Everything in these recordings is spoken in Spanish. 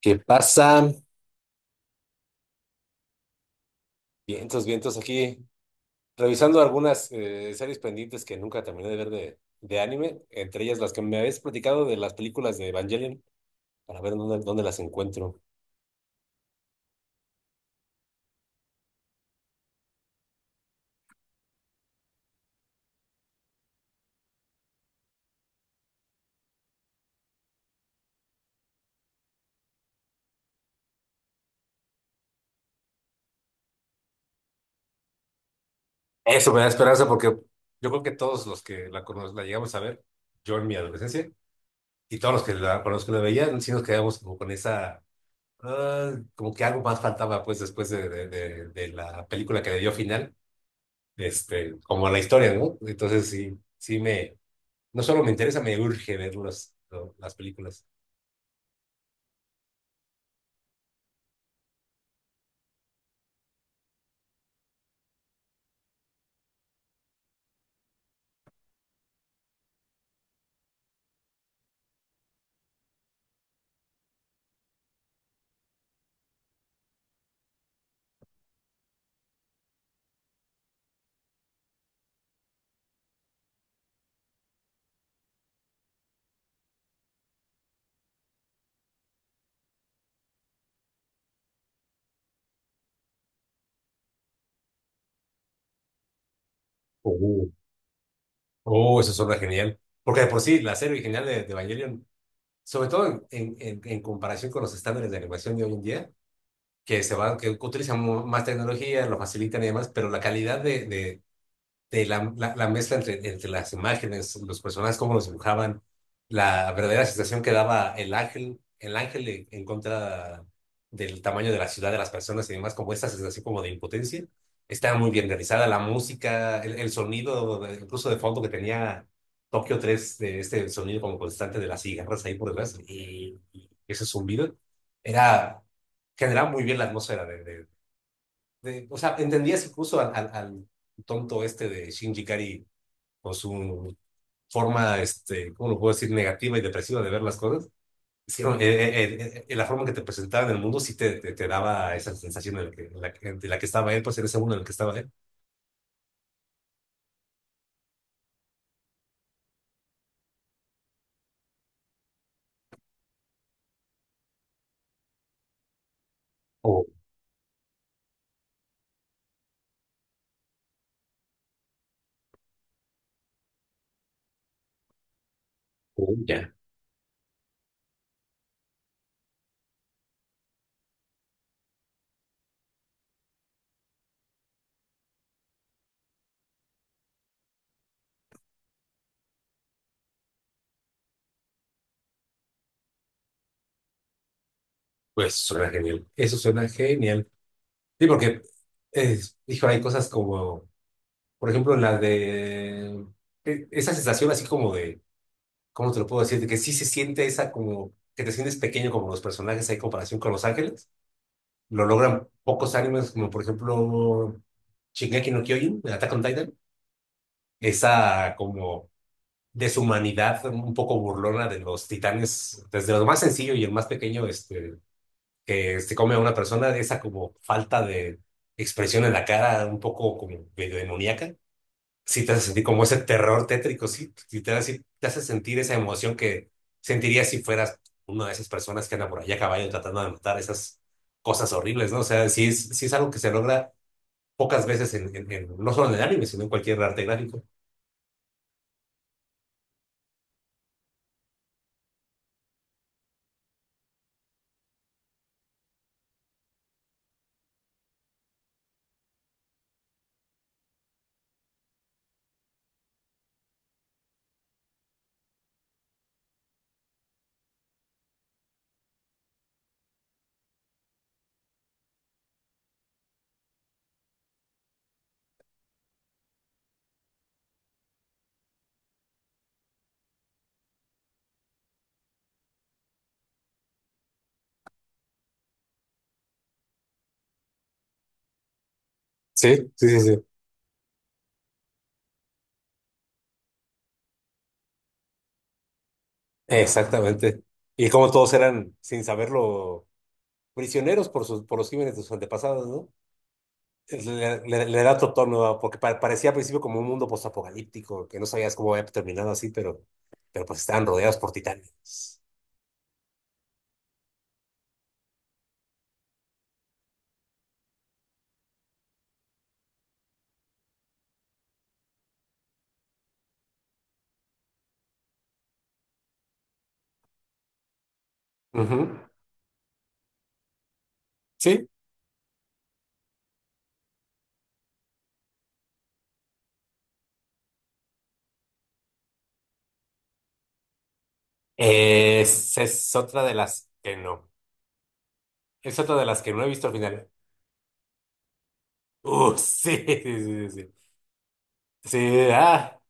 ¿Qué pasa? Vientos, vientos aquí. Revisando algunas series pendientes que nunca terminé de ver de anime, entre ellas las que me habéis platicado de las películas de Evangelion, para ver dónde las encuentro. Eso me da esperanza porque yo creo que todos los que la llegamos a ver, yo en mi adolescencia, y todos los que con los que la veían, sí nos quedamos como con esa, como que algo más faltaba pues después de la película que le dio final, este, como la historia, ¿no? Entonces sí, sí me... No solo me interesa, me urge ver las películas. Oh, oh, eso suena genial. Porque de por sí, la serie original de Evangelion, sobre todo en comparación con los estándares de animación de hoy en día, que se van, que utilizan más tecnología, lo facilitan y demás, pero la calidad de la mezcla entre las imágenes, los personajes, cómo los dibujaban, la verdadera sensación que daba el ángel en contra del tamaño de la ciudad, de las personas y demás, como esta sensación como de impotencia. Estaba muy bien realizada la música, el sonido, incluso de fondo que tenía Tokio 3, de este sonido como constante de las cigarras ahí por detrás, y ese zumbido, era, generaba muy bien la atmósfera de, o sea, entendías incluso al tonto este de Shinji Kari con su forma, este, ¿cómo lo puedo decir? Negativa y depresiva de ver las cosas. Sí, no, la forma que te presentaban el mundo sí te daba esa sensación en la que, de la que estaba él, pues en ese mundo en el que estaba él. Oh, oh, ya. Pues suena genial. Eso suena genial. Sí, porque, eh, hijo, hay cosas como, por ejemplo, la de esa sensación así como de ¿cómo te lo puedo decir? De que sí se siente esa como, que te sientes pequeño como los personajes hay comparación con Los Ángeles. Lo logran pocos animes, como por ejemplo Shingeki no Kyojin, de Attack on Titan. Esa como deshumanidad un poco burlona de los titanes, desde lo más sencillo y el más pequeño, este, que se come a una persona, esa como falta de expresión en la cara, un poco como medio demoníaca sí te hace sentir como ese terror tétrico, sí, sí te hace sentir esa emoción que sentirías si fueras una de esas personas que anda por allá a caballo tratando de matar esas cosas horribles, ¿no? O sea, sí es algo que se logra pocas veces en, no solo en el anime, sino en cualquier arte gráfico. Sí, sí, sí, sí. Exactamente. Y como todos eran, sin saberlo, prisioneros por sus, por los crímenes de sus antepasados, ¿no? Le da otro tono, ¿no? Porque parecía al principio como un mundo postapocalíptico, que no sabías cómo había terminado así, pero pues estaban rodeados por titanes. Ujú. Sí. Es otra de las que no. Es otra de las que no he visto al final. Sí, sí, sí, sí. Sí, ah,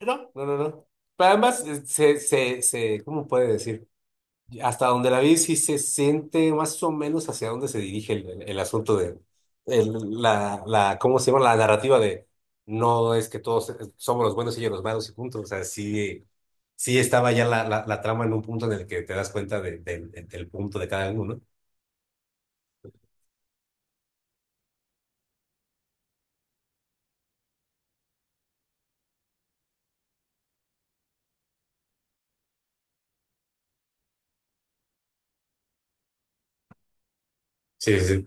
no, no, no, no. Pero además, ¿cómo puede decir? Hasta donde la vi, sí se siente más o menos hacia dónde se dirige el asunto de el- la, ¿cómo se llama? La narrativa de no es que todos somos los buenos y ellos los malos y punto. O sea, sí, sí estaba ya la trama en un punto en el que te das cuenta del del punto de cada uno. Sí, sí, sí.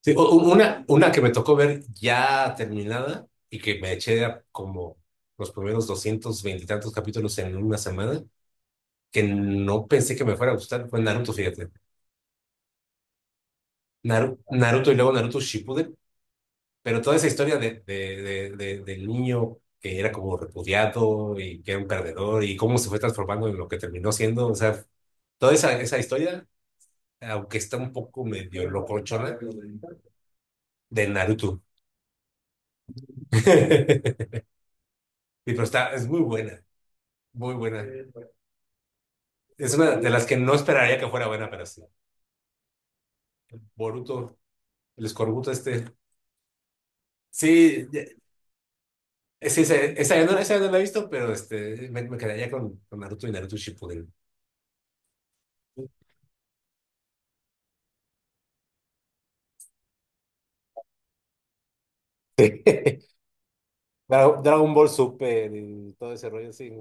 Sí, una que me tocó ver ya terminada y que me eché a como los primeros 220 y tantos capítulos en una semana, que no pensé que me fuera a gustar, fue Naruto, fíjate. Naruto y luego Naruto Shippuden, pero toda esa historia del niño que era como repudiado y que era un perdedor y cómo se fue transformando en lo que terminó siendo, o sea, toda esa historia, aunque está un poco medio locochona, de Naruto. Y pero está, es muy buena, muy buena. Es una de las que no esperaría que fuera buena, pero sí. Boruto, el escorbuto este. Sí, ya- sí, esa ya no la he visto, pero este, me quedaría con Naruto y Naruto Shippuden. Dragon Ball Super y todo ese rollo, sí.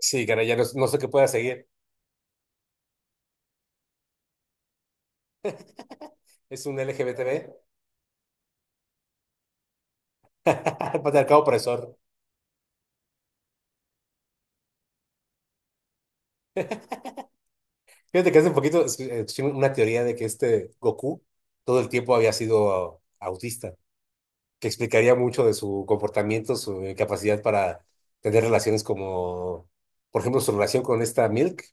Sí, caray, ya no, no sé qué pueda seguir. Es un LGBTB, patriarcado opresor. Fíjate que hace un poquito escuché una teoría de que este Goku todo el tiempo había sido autista, que explicaría mucho de su comportamiento, su capacidad para tener relaciones como, por ejemplo, su relación con esta Milk,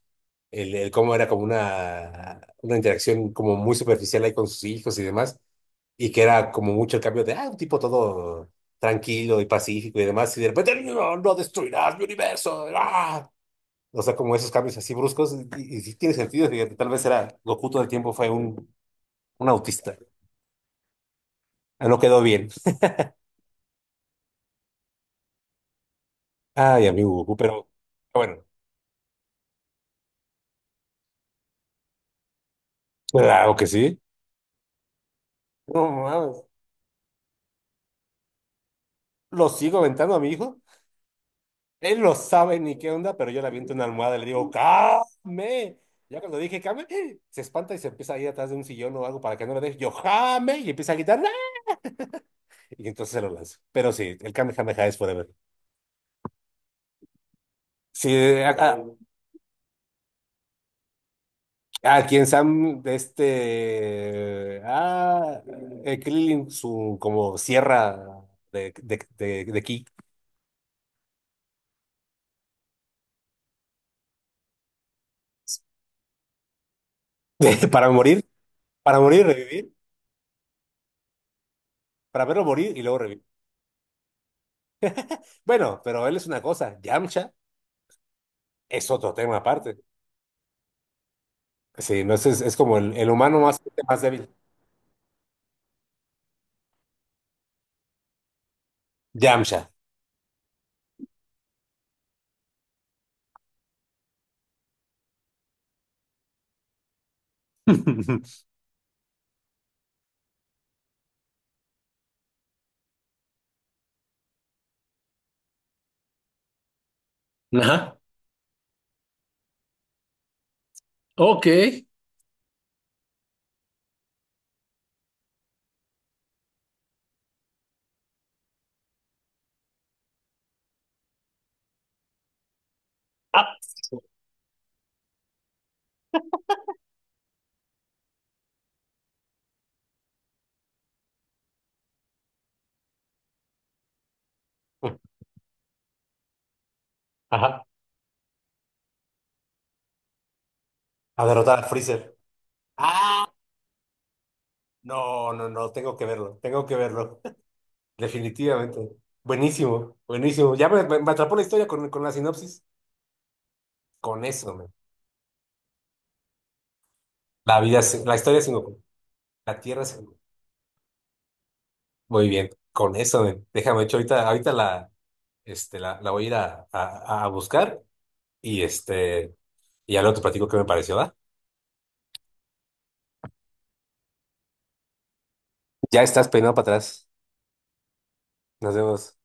el cómo era como una interacción como muy superficial ahí con sus hijos y demás, y que era como mucho el cambio de, ah, un tipo todo tranquilo y pacífico y demás, y de repente, no, no destruirás mi universo, ¡ah! O sea, como esos cambios así bruscos, y sí tiene sentido, fíjate, tal vez era, Goku todo el tiempo fue un autista. Ah, no quedó bien. Ay, amigo Goku, pero bueno. Claro que sí. No mames. Lo sigo aventando a mi hijo. Él no sabe ni qué onda, pero yo le aviento una almohada y le digo, ¡Came! Ya cuando dije, ¡Came! Se espanta y se empieza a ir atrás de un sillón o algo para que no lo deje. Yo, ¡Jame! Y empieza a gritar, ¡Ah! Y entonces se lo lanzo. Pero sí, el Kame Kame Kame es forever. Sí, a, a- a quien Sam, de este. Ah, Krillin, su como sierra de ki. Para morir, para morir, revivir, para verlo morir y luego revivir. Bueno, pero él es una cosa, Yamcha es otro tema aparte. Sí, no es como el humano más, más débil. Yamcha. Ok. Ah. Ajá. A derrotar a Freezer. Ah, no, no, no, tengo que verlo, tengo que verlo. Definitivamente. Buenísimo, buenísimo. Ya me atrapó la historia con la sinopsis. Con eso, men. La vida, la historia sin Goku. La tierra sin Goku. Muy bien, con eso, men. Déjame, de hecho, ahorita, ahorita la, este, la voy a ir a buscar y este, y ya luego te platico qué me pareció, ¿va? Ya estás peinado para atrás. Nos vemos.